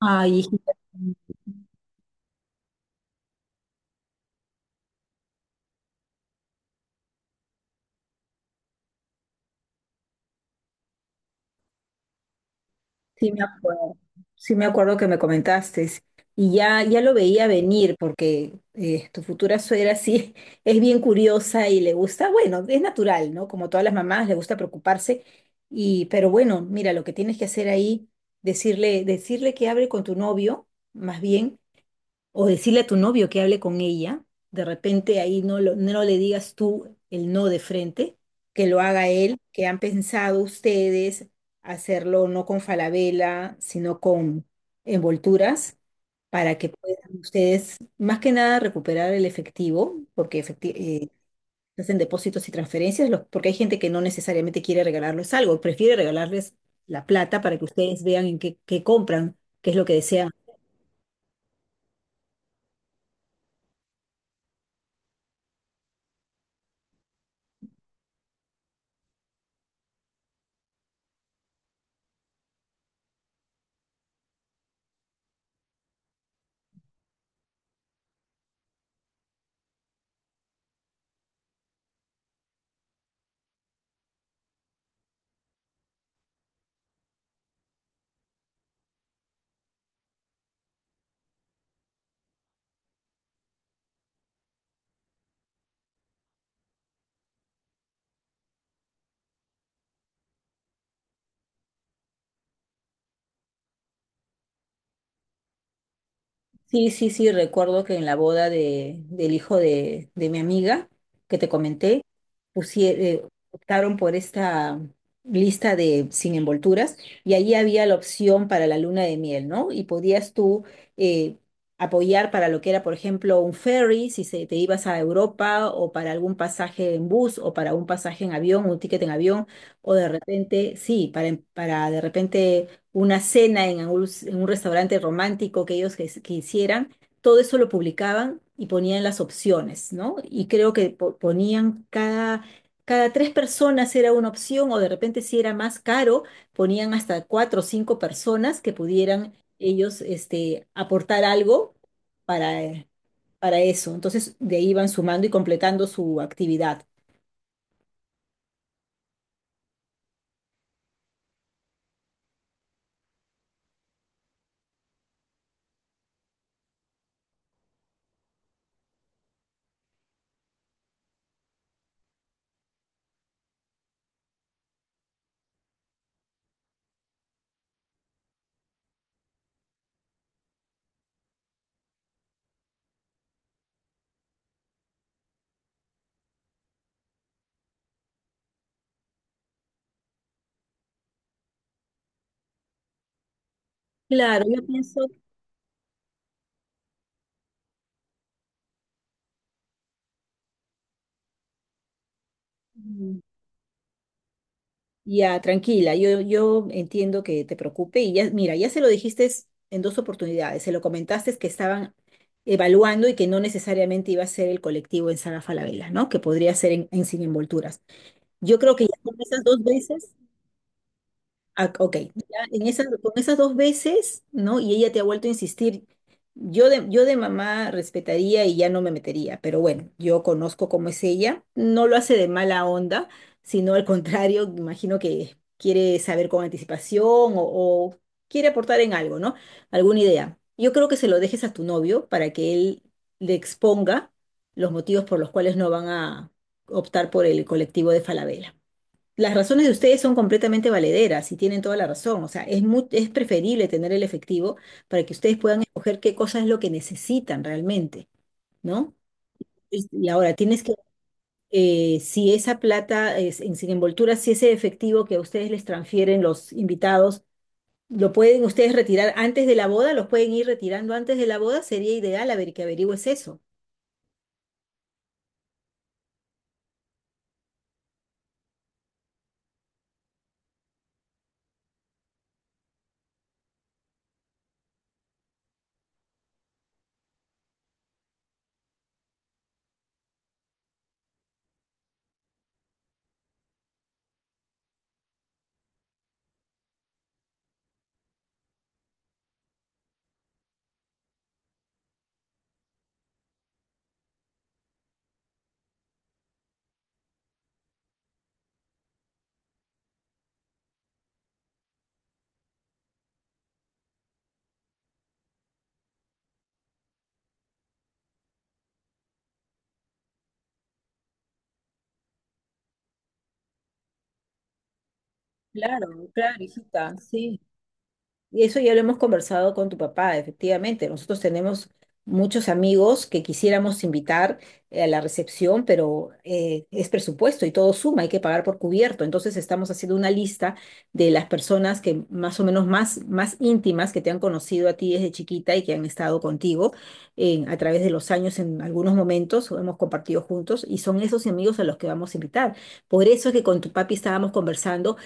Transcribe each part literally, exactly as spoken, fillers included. Ay, hijita, sí me acuerdo, sí me acuerdo que me comentaste y ya, ya lo veía venir porque eh, tu futura suegra sí es bien curiosa y le gusta, bueno, es natural, ¿no? Como todas las mamás, le gusta preocuparse y, pero bueno, mira, lo que tienes que hacer ahí, decirle, decirle que hable con tu novio, más bien, o decirle a tu novio que hable con ella, de repente ahí no, lo- no le digas tú el no de frente, que lo haga él, que han pensado ustedes hacerlo no con Falabella, sino con envolturas, para que puedan ustedes más que nada recuperar el efectivo, porque efecti- eh, hacen depósitos y transferencias, los- porque hay gente que no necesariamente quiere regalarles algo, prefiere regalarles la plata para que ustedes vean en qué, qué compran, qué es lo que desean. Sí, sí, sí, recuerdo que en la boda de, del hijo de, de mi amiga que te comenté, pusie- eh, optaron por esta lista de sin envolturas y ahí había la opción para la luna de miel, ¿no? Y podías tú eh, apoyar para lo que era, por ejemplo, un ferry, si se, te ibas a Europa o para algún pasaje en bus o para un pasaje en avión, un ticket en avión, o de repente, sí, para, para de repente una cena en un, en un restaurante romántico que ellos quis- quisieran, todo eso lo publicaban y ponían las opciones, ¿no? Y creo que po- ponían cada, cada tres personas era una opción o de repente si era más caro, ponían hasta cuatro o cinco personas que pudieran ellos este, aportar algo para, eh, para eso. Entonces de ahí iban sumando y completando su actividad. Claro, yo pienso... Ya, tranquila, yo, yo entiendo que te preocupe y ya, mira, ya se lo dijiste en dos oportunidades, se lo comentaste que estaban evaluando y que no necesariamente iba a ser el colectivo en Sala Falabella, ¿no? Que podría ser en, en Sin Envolturas. Yo creo que ya con esas dos veces, Ah, ok, ya en esas, con esas dos veces, ¿no? Y ella te ha vuelto a insistir. Yo de, yo de mamá respetaría y ya no me metería, pero bueno, yo conozco cómo es ella. No lo hace de mala onda, sino al contrario, imagino que quiere saber con anticipación o, o quiere aportar en algo, ¿no? Alguna idea. Yo creo que se lo dejes a tu novio para que él le exponga los motivos por los cuales no van a optar por el colectivo de Falabella. Las razones de ustedes son completamente valederas y tienen toda la razón. O sea, es mu- es preferible tener el efectivo para que ustedes puedan escoger qué cosa es lo que necesitan realmente, ¿no? Es- Y ahora tienes que, eh, si esa plata es en, sin envoltura, si ese efectivo que a ustedes les transfieren los invitados, lo pueden ustedes retirar antes de la boda, los pueden ir retirando antes de la boda, sería ideal a ver que averigües eso. Claro, claro, hijita, sí. Y eso ya lo hemos conversado con tu papá, efectivamente. Nosotros tenemos muchos amigos que quisiéramos invitar eh, a la recepción, pero eh, es presupuesto y todo suma, hay que pagar por cubierto. Entonces estamos haciendo una lista de las personas que más o menos más, más íntimas que te han conocido a ti desde chiquita y que han estado contigo eh, a través de los años en algunos momentos, o hemos compartido juntos, y son esos amigos a los que vamos a invitar. Por eso es que con tu papi estábamos conversando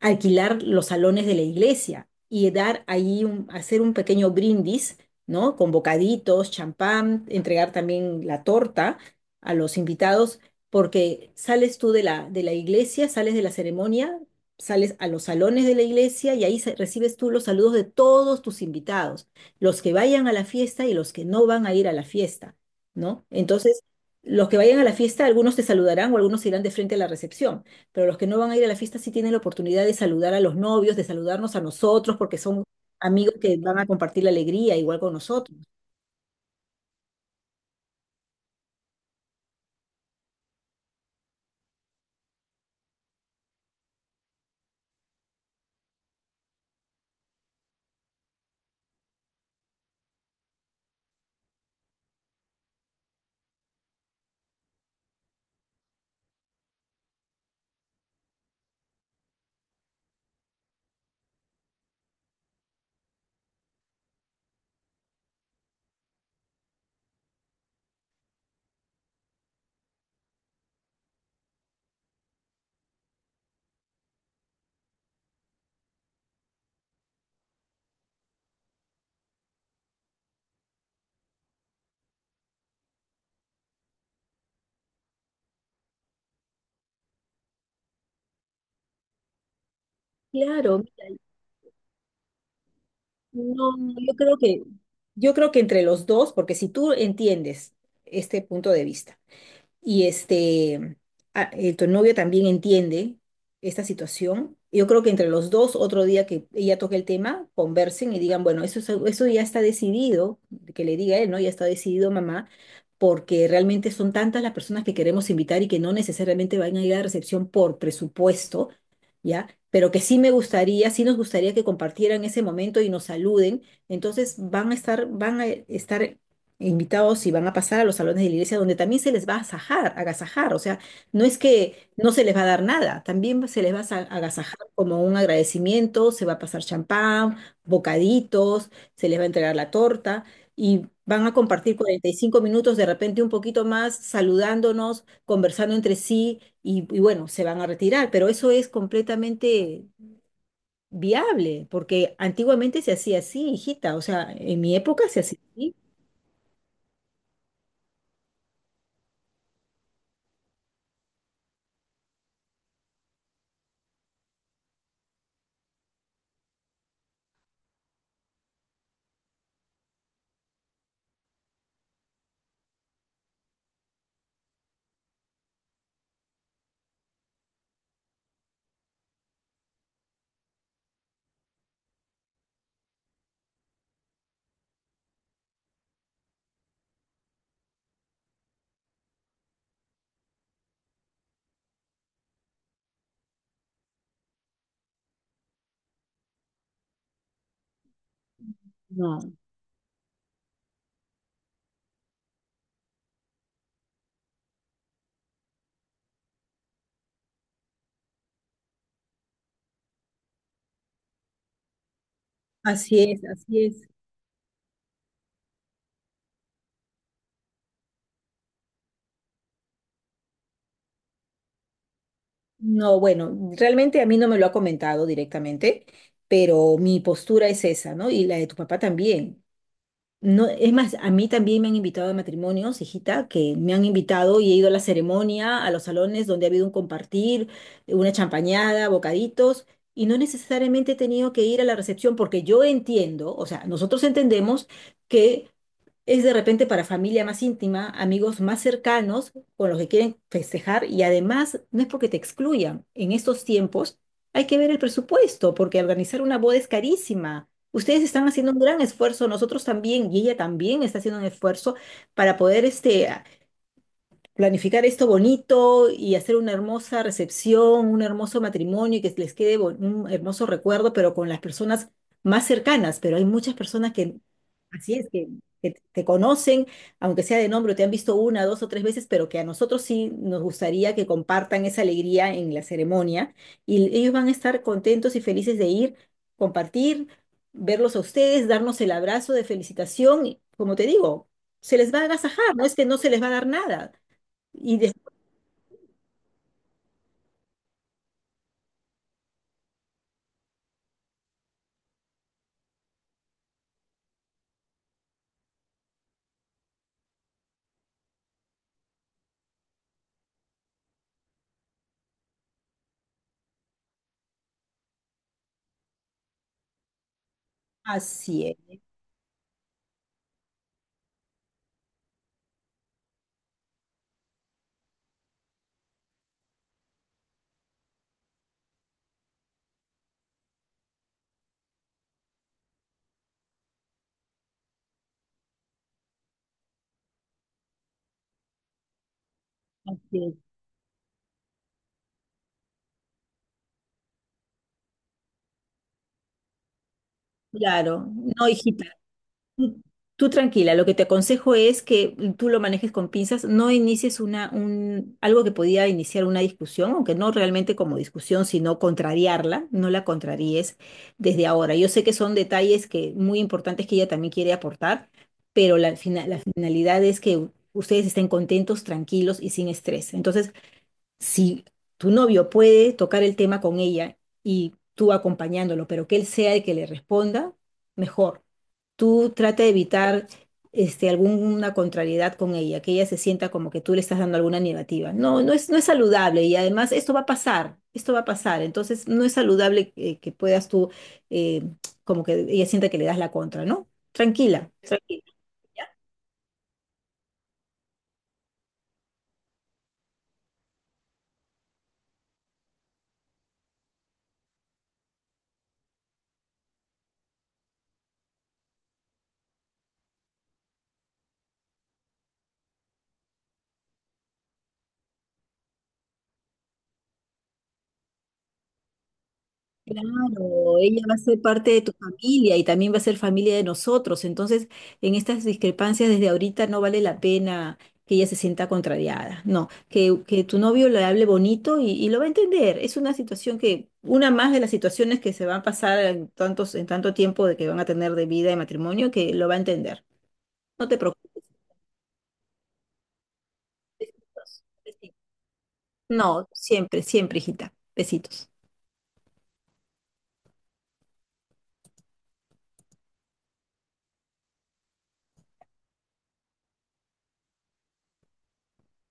alquilar los salones de la iglesia y dar ahí un- hacer un pequeño brindis, ¿no? Con bocaditos, champán, entregar también la torta a los invitados, porque sales tú de la, de la iglesia, sales de la ceremonia, sales a los salones de la iglesia y ahí se- recibes tú los saludos de todos tus invitados, los que vayan a la fiesta y los que no van a ir a la fiesta, ¿no? Entonces, los que vayan a la fiesta, algunos te saludarán o algunos irán de frente a la recepción, pero los que no van a ir a la fiesta sí tienen la oportunidad de saludar a los novios, de saludarnos a nosotros, porque son amigos que van a compartir la alegría igual con nosotros. Claro, no, yo creo que, yo creo que entre los dos, porque si tú entiendes este punto de vista. Y este, a- eh, tu novio también entiende esta situación. Yo creo que entre los dos, otro día que ella toque el tema, conversen y digan, bueno, eso, es eso, ya está decidido, que le diga él, ¿no? Ya está decidido, mamá, porque realmente son tantas las personas que queremos invitar y que no necesariamente van a ir a la recepción por presupuesto, ¿ya? Pero que sí me gustaría, sí nos nos gustaría que compartieran ese momento y nos saluden, entonces van van a a estar van a estar invitados, si van a pasar a los salones de la iglesia donde también se les va a asajar, agasajar, o sea, no es que no se les va a dar nada, también se les va a sa- agasajar como un agradecimiento, se va a pasar champán, bocaditos, se les va a entregar la torta y van a compartir cuarenta y cinco minutos, de repente un poquito más, saludándonos, conversando entre sí y, y bueno, se van a retirar, pero eso es completamente viable, porque antiguamente se hacía así, hijita, o sea, en mi época se hacía así. No. Así es, así es. No, bueno, realmente a mí no me lo ha comentado directamente, pero mi postura es esa, ¿no? Y la de tu papá también. No, es más, a mí también me han invitado a matrimonios, hijita, que me han invitado y he ido a la ceremonia, a los salones donde ha habido un compartir, una champañada, bocaditos, y no necesariamente he tenido que ir a la recepción, porque yo entiendo, o sea, nosotros entendemos que es de repente para familia más íntima, amigos más cercanos con los que quieren festejar, y además no es porque te excluyan. En estos tiempos hay que ver el presupuesto porque organizar una boda es carísima. Ustedes están haciendo un gran esfuerzo, nosotros también, y ella también está haciendo un esfuerzo para poder este, planificar esto bonito y hacer una hermosa recepción, un hermoso matrimonio, y que les quede bon- un hermoso recuerdo, pero con las personas más cercanas. Pero hay muchas personas que, así es, que, que te conocen, aunque sea de nombre, te han visto una, dos o tres veces, pero que a nosotros sí nos gustaría que compartan esa alegría en la ceremonia, y ellos van a estar contentos y felices de ir, compartir, verlos a ustedes, darnos el abrazo de felicitación, y, como te digo, se les va a agasajar, no es que no se les va a dar nada, y de- así es, así es, claro. No, hijita, tú, tú tranquila, lo que te aconsejo es que tú lo manejes con pinzas, no inicies una, un, algo que podía iniciar una discusión, aunque no realmente como discusión, sino contrariarla, no la contraríes desde ahora. Yo sé que son detalles, que muy importantes que ella también quiere aportar, pero la, fina- la finalidad es que ustedes estén contentos, tranquilos y sin estrés. Entonces, si tu novio puede tocar el tema con ella y tú acompañándolo, pero que él sea el que le responda, mejor. Tú trata de evitar este, alguna contrariedad con ella, que ella se sienta como que tú le estás dando alguna negativa. No, no es, no es saludable, y además esto va a pasar, esto va a pasar. Entonces no es saludable que, que puedas tú, eh, como que ella sienta que le das la contra, ¿no? Tranquila, tranquila. Claro, ella va a ser parte de tu familia y también va a ser familia de nosotros. Entonces, en estas discrepancias desde ahorita no vale la pena que ella se sienta contrariada. No, que, que tu novio le hable bonito y, y lo va a entender. Es una situación que, una más de las situaciones que se van a pasar en tantos, en tanto tiempo de que van a tener de vida y matrimonio, que lo va a entender. No te preocupes. Besitos. No, siempre, siempre, hijita. Besitos.